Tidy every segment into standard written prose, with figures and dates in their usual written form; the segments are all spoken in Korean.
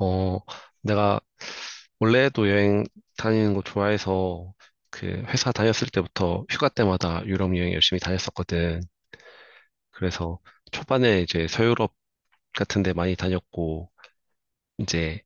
어, 내가 원래도 여행 다니는 거 좋아해서 그 회사 다녔을 때부터 휴가 때마다 유럽 여행 열심히 다녔었거든. 그래서 초반에 이제 서유럽 같은 데 많이 다녔고, 이제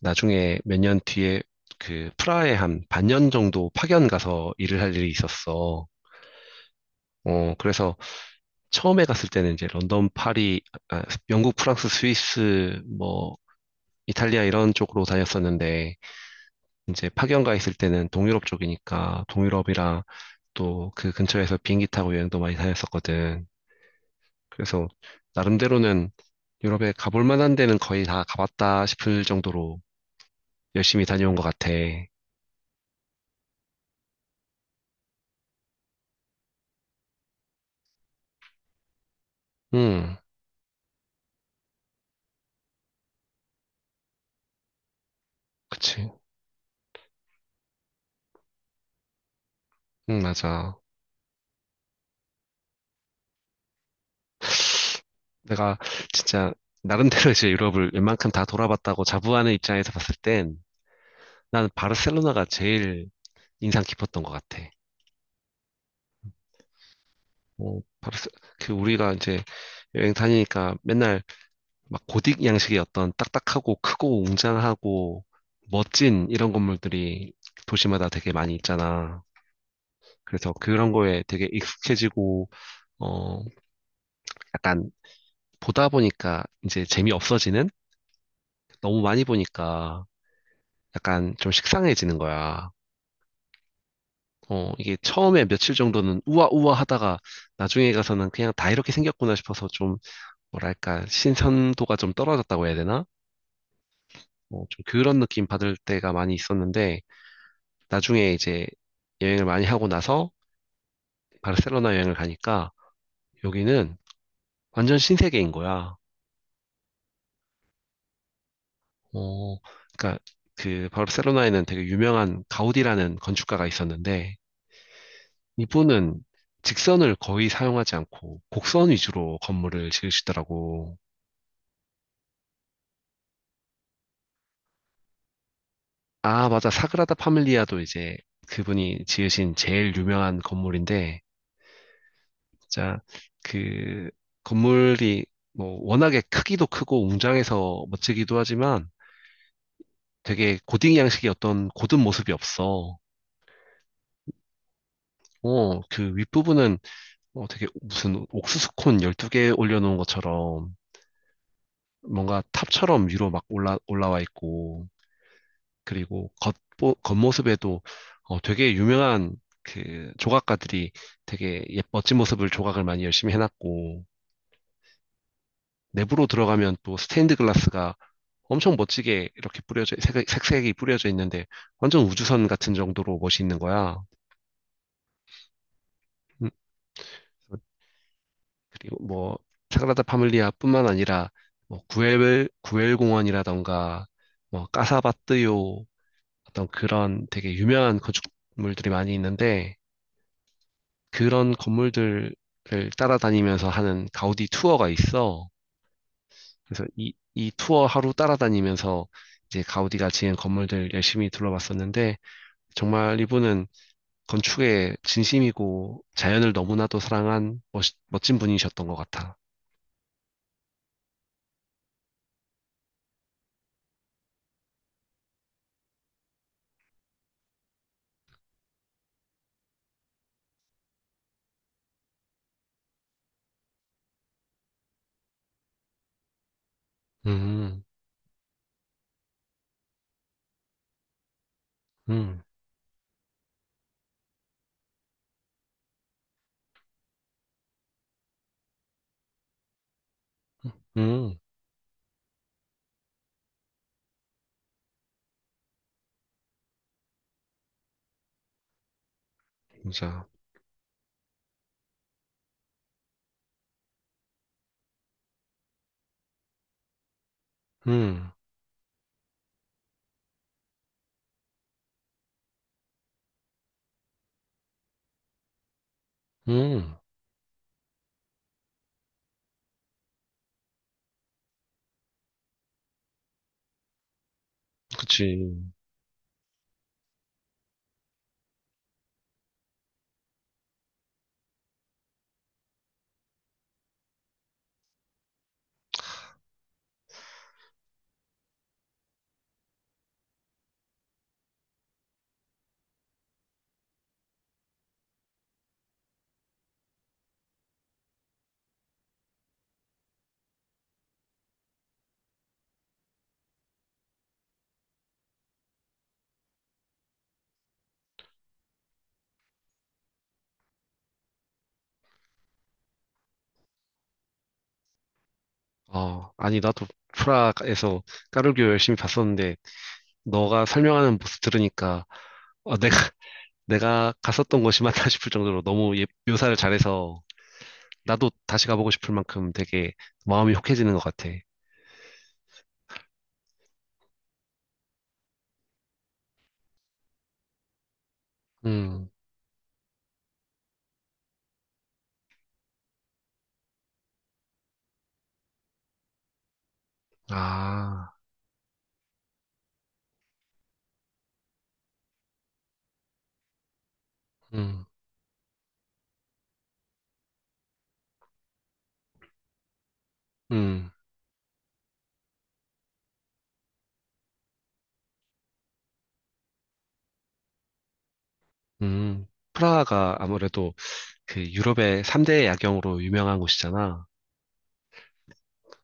나중에 몇 년 뒤에 그 프라하에 한 반년 정도 파견 가서 일을 할 일이 있었어. 그래서 처음에 갔을 때는 이제 런던, 파리, 아, 영국, 프랑스, 스위스, 뭐, 이탈리아 이런 쪽으로 다녔었는데, 이제 파견 가 있을 때는 동유럽 쪽이니까 동유럽이랑 또 그 근처에서 비행기 타고 여행도 많이 다녔었거든. 그래서 나름대로는 유럽에 가볼 만한 데는 거의 다 가봤다 싶을 정도로 열심히 다녀온 것 같아. 응, 그치. 응, 맞아. 내가 진짜 나름대로 이제 유럽을 웬만큼 다 돌아봤다고 자부하는 입장에서 봤을 땐 나는 바르셀로나가 제일 인상 깊었던 것 같아. 어, 바르셀, 그 우리가 이제 여행 다니니까 맨날 막 고딕 양식의 어떤 딱딱하고 크고 웅장하고 멋진 이런 건물들이 도시마다 되게 많이 있잖아. 그래서 그런 거에 되게 익숙해지고, 어, 약간 보다 보니까 이제 재미없어지는? 너무 많이 보니까 약간 좀 식상해지는 거야. 이게 처음에 며칠 정도는 우아우아 하다가 나중에 가서는 그냥 다 이렇게 생겼구나 싶어서 좀 뭐랄까, 신선도가 좀 떨어졌다고 해야 되나? 좀 그런 느낌 받을 때가 많이 있었는데, 나중에 이제 여행을 많이 하고 나서 바르셀로나 여행을 가니까 여기는 완전 신세계인 거야. 어, 그러니까 그 바르셀로나에는 되게 유명한 가우디라는 건축가가 있었는데 이분은 직선을 거의 사용하지 않고 곡선 위주로 건물을 지으시더라고. 아, 맞아. 사그라다 파밀리아도 이제 그분이 지으신 제일 유명한 건물인데 진짜 그 건물이 뭐 워낙에 크기도 크고 웅장해서 멋지기도 하지만 되게 고딩 양식의 어떤 고든 모습이 없어. 그 윗부분은 되게 무슨 옥수수콘 12개 올려놓은 것처럼 뭔가 탑처럼 위로 막 올라와 있고, 그리고 겉모습에도 되게 유명한 그 조각가들이 되게 멋진 모습을 조각을 많이 열심히 해놨고, 내부로 들어가면 또 스테인드 글라스가 엄청 멋지게 이렇게 색이 뿌려져 있는데 완전 우주선 같은 정도로 멋있는 거야. 음, 그리고 뭐 사그라다 파밀리아뿐만 아니라 뭐 구엘 공원이라던가 뭐 까사바뜨요 어떤 그런 되게 유명한 건축물들이 많이 있는데 그런 건물들을 따라다니면서 하는 가우디 투어가 있어. 그래서 이 투어 하루 따라다니면서 이제 가우디가 지은 건물들 열심히 둘러봤었는데 정말 이분은 건축에 진심이고 자연을 너무나도 사랑한 멋진 분이셨던 것 같아. 음, 음, 음. 진짜. 음, 음, 그치. 아, 아니, 나도 프라하에서 까르기오 열심히 봤었는데, 너가 설명하는 모습 들으니까, 내가, 내가 갔었던 곳이 맞나 싶을 정도로 너무 묘사를 잘해서, 나도 다시 가보고 싶을 만큼 되게 마음이 혹해지는 것 같아. 음, 아, 음, 음, 음. 프라하가 아무래도 그 유럽의 3대 야경으로 유명한 곳이잖아.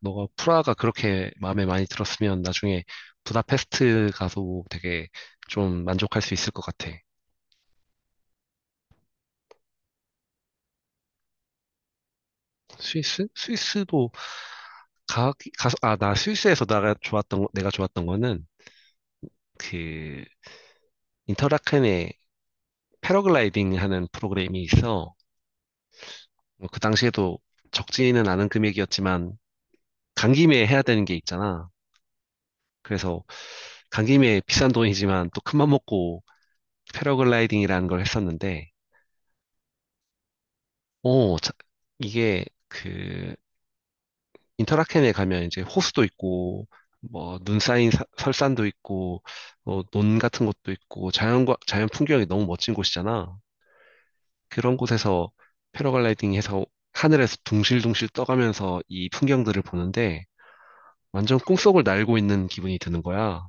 너가 프라가 그렇게 마음에 많이 들었으면 나중에 부다페스트 가서 되게 좀 만족할 수 있을 것 같아. 스위스? 스위스도 가, 나 스위스에서 내가 좋았던, 내가 좋았던 거는 그 인터라켄에 패러글라이딩 하는 프로그램이 있어. 뭐그 당시에도 적지는 않은 금액이었지만 간 김에 해야 되는 게 있잖아. 그래서 간 김에 비싼 돈이지만 또 큰맘 먹고 패러글라이딩이라는 걸 했었는데, 오, 자- 이게 그 인터라켄에 가면 이제 호수도 있고 뭐 눈 쌓인 설산도 있고 논 같은 것도 있고 자연과 자연 풍경이 너무 멋진 곳이잖아. 그런 곳에서 패러글라이딩 해서 하늘에서 둥실둥실 떠가면서 이 풍경들을 보는데 완전 꿈속을 날고 있는 기분이 드는 거야.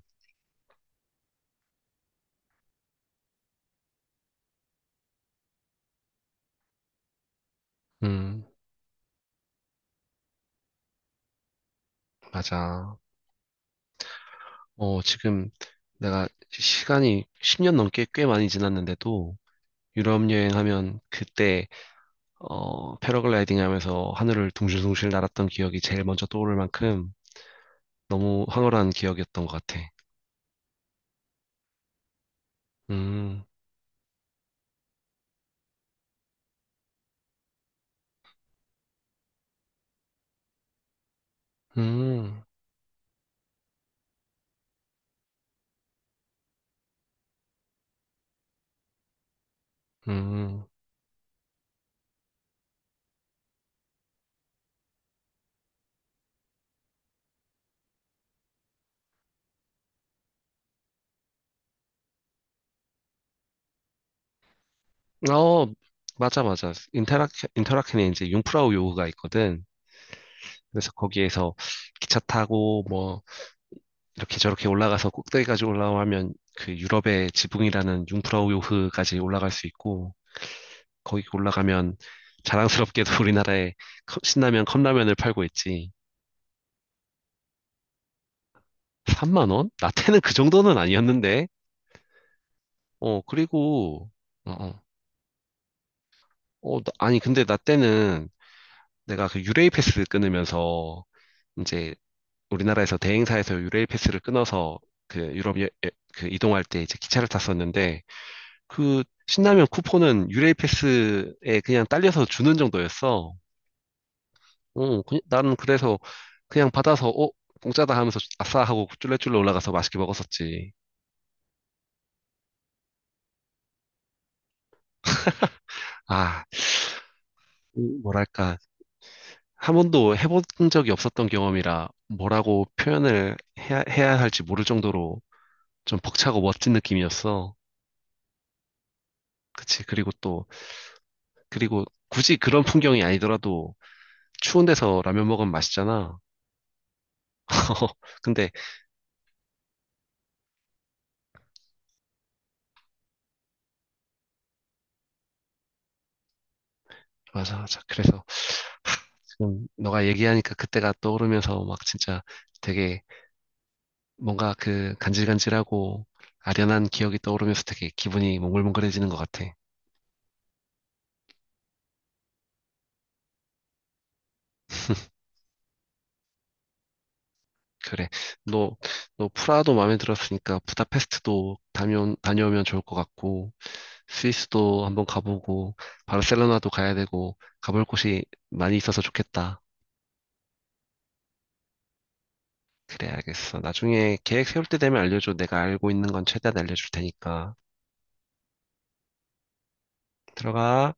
음, 맞아. 지금 내가 시간이 10년 넘게 꽤 많이 지났는데도 유럽 여행하면 그때 패러글라이딩 하면서 하늘을 둥실둥실 날았던 기억이 제일 먼저 떠오를 만큼 너무 황홀한 기억이었던 것 같아. 음, 음, 음. 어, 맞아, 맞아. 인터라켄에 이제 융프라우 요흐가 있거든. 그래서 거기에서 기차 타고 뭐 이렇게 저렇게 올라가서 꼭대기까지 올라가면 그 유럽의 지붕이라는 융프라우 요흐까지 올라갈 수 있고 거기 올라가면 자랑스럽게도 우리나라에 신라면 컵라면을 팔고 있지. 3만 원? 라떼는 그 정도는 아니었는데. 그리고 어, 어. 아니 근데 라떼는 내가 그 유레일 패스 끊으면서 이제 우리나라에서 대행사에서 유레일 패스를 끊어서 그 유럽 그 이동할 때 이제 기차를 탔었는데 그 신라면 쿠폰은 유레일 패스에 그냥 딸려서 주는 정도였어. 나는 그래서 그냥 받아서 공짜다 하면서 아싸 하고 쫄래쫄래 올라가서 맛있게 먹었었지. 아, 이 뭐랄까 한 번도 해본 적이 없었던 경험이라 뭐라고 표현을 해야 할지 모를 정도로 좀 벅차고 멋진 느낌이었어. 그치. 그리고 또, 그리고 굳이 그런 풍경이 아니더라도 추운 데서 라면 먹으면 맛있잖아. 근데, 맞아, 맞아. 그래서, 하, 지금 너가 얘기하니까 그때가 떠오르면서 막 진짜 되게 뭔가 그 간질간질하고 아련한 기억이 떠오르면서 되게 기분이 몽글몽글해지는 것 같아. 그래. 너, 너 프라하도 마음에 들었으니까 부다페스트도 다녀오면 좋을 것 같고, 스위스도 한번 가보고, 바르셀로나도 가야 되고, 가볼 곳이 많이 있어서 좋겠다. 그래, 알겠어. 나중에 계획 세울 때 되면 알려줘. 내가 알고 있는 건 최대한 알려줄 테니까. 들어가.